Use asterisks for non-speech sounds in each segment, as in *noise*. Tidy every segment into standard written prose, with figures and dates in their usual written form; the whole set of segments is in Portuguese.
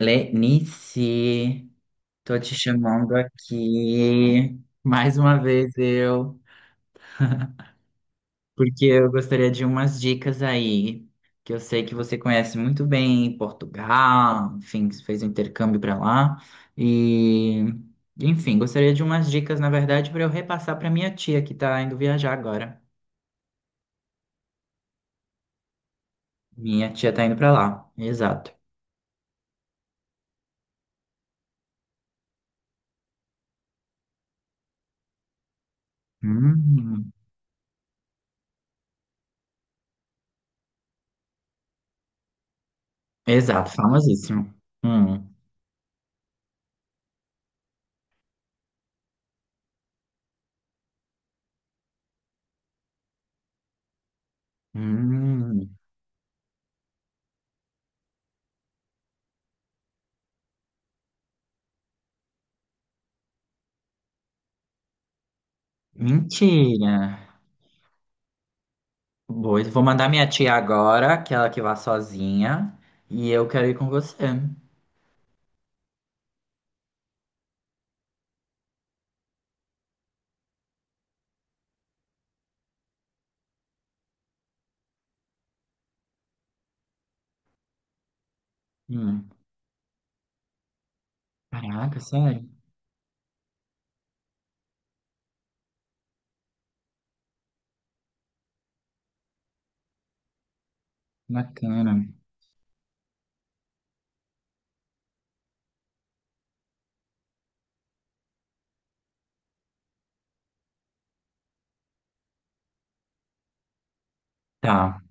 Lenice, tô te chamando aqui mais uma vez eu, porque eu gostaria de umas dicas aí, que eu sei que você conhece muito bem Portugal, enfim, fez um intercâmbio para lá e, enfim, gostaria de umas dicas, na verdade, para eu repassar para minha tia que tá indo viajar agora. Minha tia tá indo para lá, exato. Hum, exato, famosíssimo. Hum, hum, mentira. Boa, vou mandar minha tia agora, que ela que vá sozinha, e eu quero ir com você. Hum. Caraca, sério? Bacana. Tá.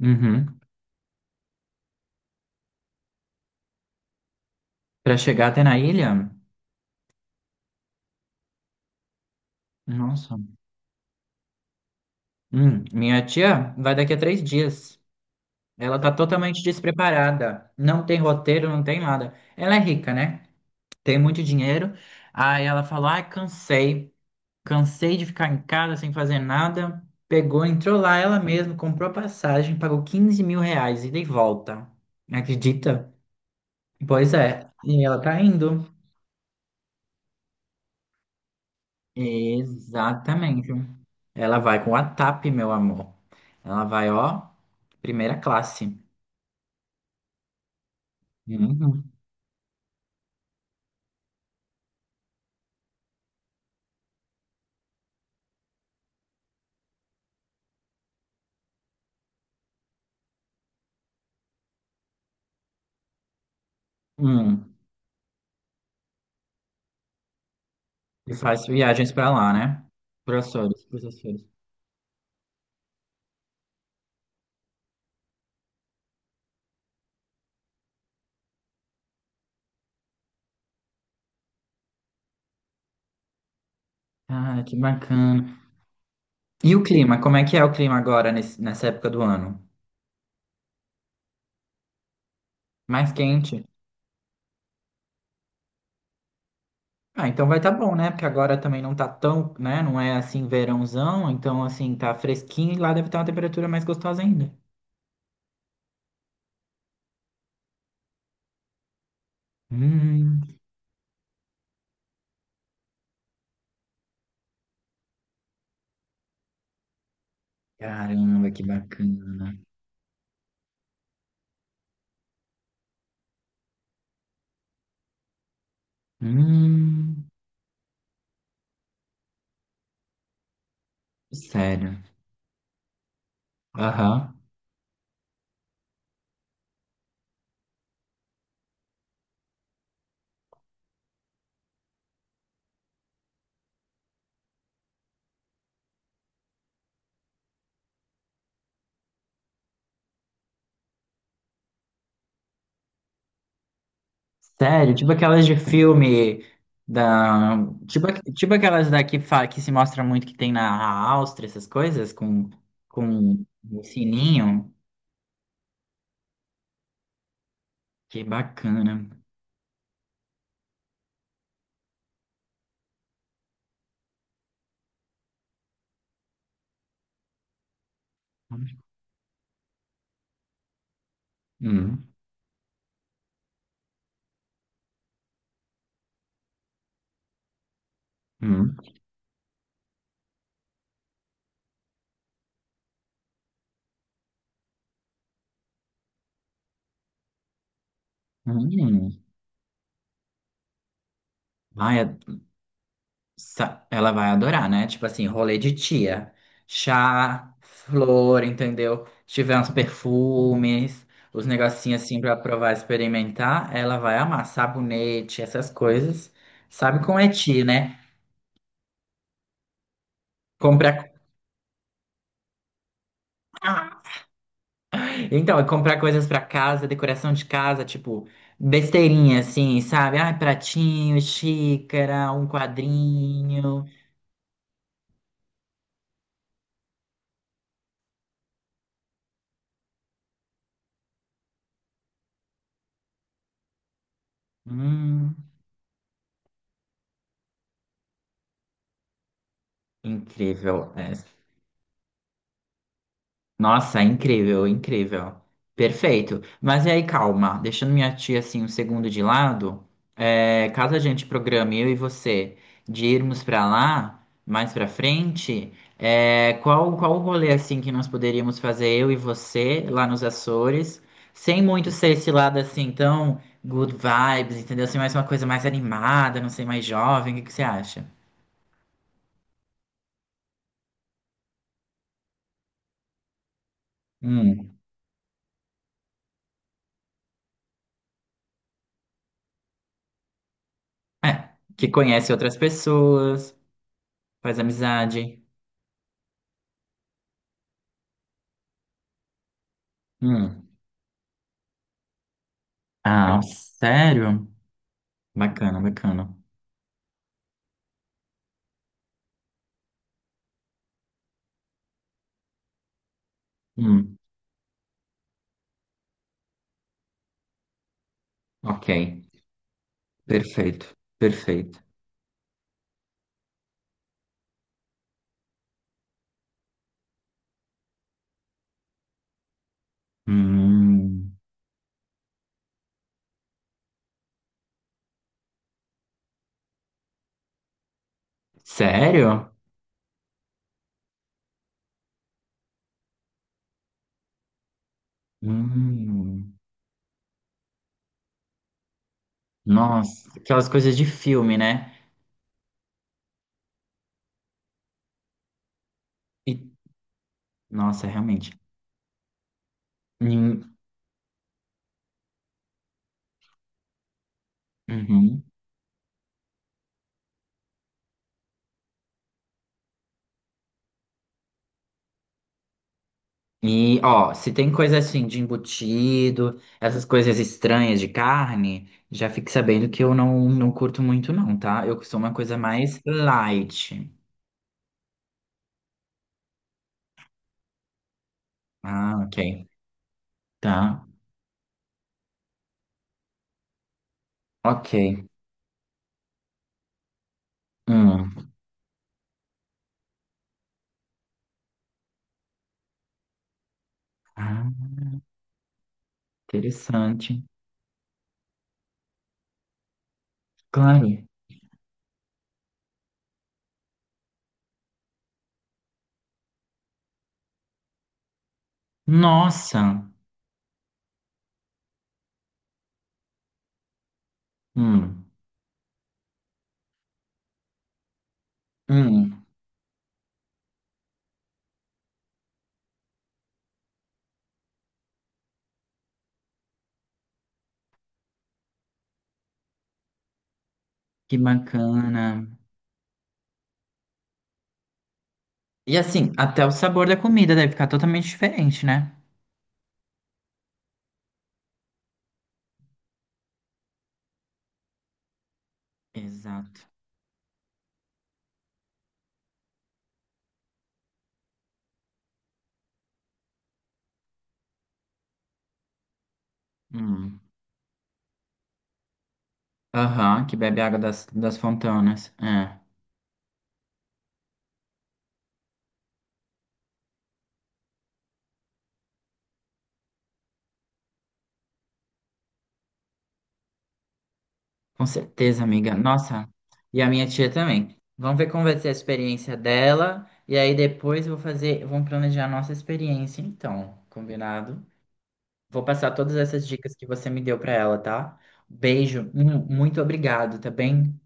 Uhum. Pra chegar até na ilha? Nossa. Minha tia vai daqui a 3 dias. Ela tá totalmente despreparada. Não tem roteiro, não tem nada. Ela é rica, né? Tem muito dinheiro. Aí ela falou: ai, cansei. Cansei de ficar em casa sem fazer nada. Pegou, entrou lá ela mesma, comprou a passagem, pagou 15 mil reais ida e volta. Acredita? Pois é. E ela tá indo. Exatamente. Ela vai com a TAP, meu amor. Ela vai, ó, primeira classe. Uhum. Hum. E faz viagens pra lá, né? Professores, professores. Ah, que bacana. E o clima? Como é que é o clima agora nessa época do ano? Mais quente? Ah, então vai tá bom, né? Porque agora também não tá tão, né? Não é assim verãozão, então assim, tá fresquinho e lá deve estar uma temperatura mais gostosa ainda. Hum, Caramba, que bacana. Hum, sério. Aham. Sério, tipo aquelas de filme da. Tipo, tipo aquelas daqui que que se mostra muito que tem na Áustria, essas coisas, com o sininho. Que bacana. Hum, hum, hum. Ai, ela vai adorar, né? Tipo assim, rolê de tia. Chá, flor, entendeu? Se tiver uns perfumes, os negocinhos assim pra provar, experimentar, ela vai amar. Sabonete, essas coisas. Sabe como é tia, né? Comprar. Ah! *laughs* Então, é comprar coisas pra casa, decoração de casa, tipo, besteirinha assim, sabe? Ah, pratinho, xícara, um quadrinho. Hum, incrível. Nossa, incrível, incrível. Perfeito. Mas e aí, calma, deixando minha tia assim um segundo de lado, é, caso a gente programe eu e você de irmos pra lá mais pra frente, é, qual o rolê assim que nós poderíamos fazer eu e você lá nos Açores, sem muito ser esse lado assim tão good vibes, entendeu? Assim, mais uma coisa mais animada, não sei, mais jovem, o que que você acha? Hum. É, que conhece outras pessoas, faz amizade. Hum. Ah, sério? Bacana, bacana. Hum, ok. Perfeito, perfeito. Hum, sério? Hum, Nossa, aquelas coisas de filme, né? E, nossa, realmente. Hum, uhum. E, ó, se tem coisa assim de embutido, essas coisas estranhas de carne, já fique sabendo que eu não, não curto muito, não, tá? Eu sou uma coisa mais light. Ah, ok. Tá. Ok. Hum. Ah. Interessante. Claro. Nossa. Hum. Hum. Que bacana. E assim, até o sabor da comida deve ficar totalmente diferente, né? Exato. Hum. Aham, que bebe água das fontanas. É. Com certeza, amiga. Nossa. E a minha tia também. Vamos ver como vai ser a experiência dela. E aí depois eu vou fazer, vamos planejar a nossa experiência, então. Combinado? Vou passar todas essas dicas que você me deu para ela, tá? Beijo, muito obrigado, tá bem?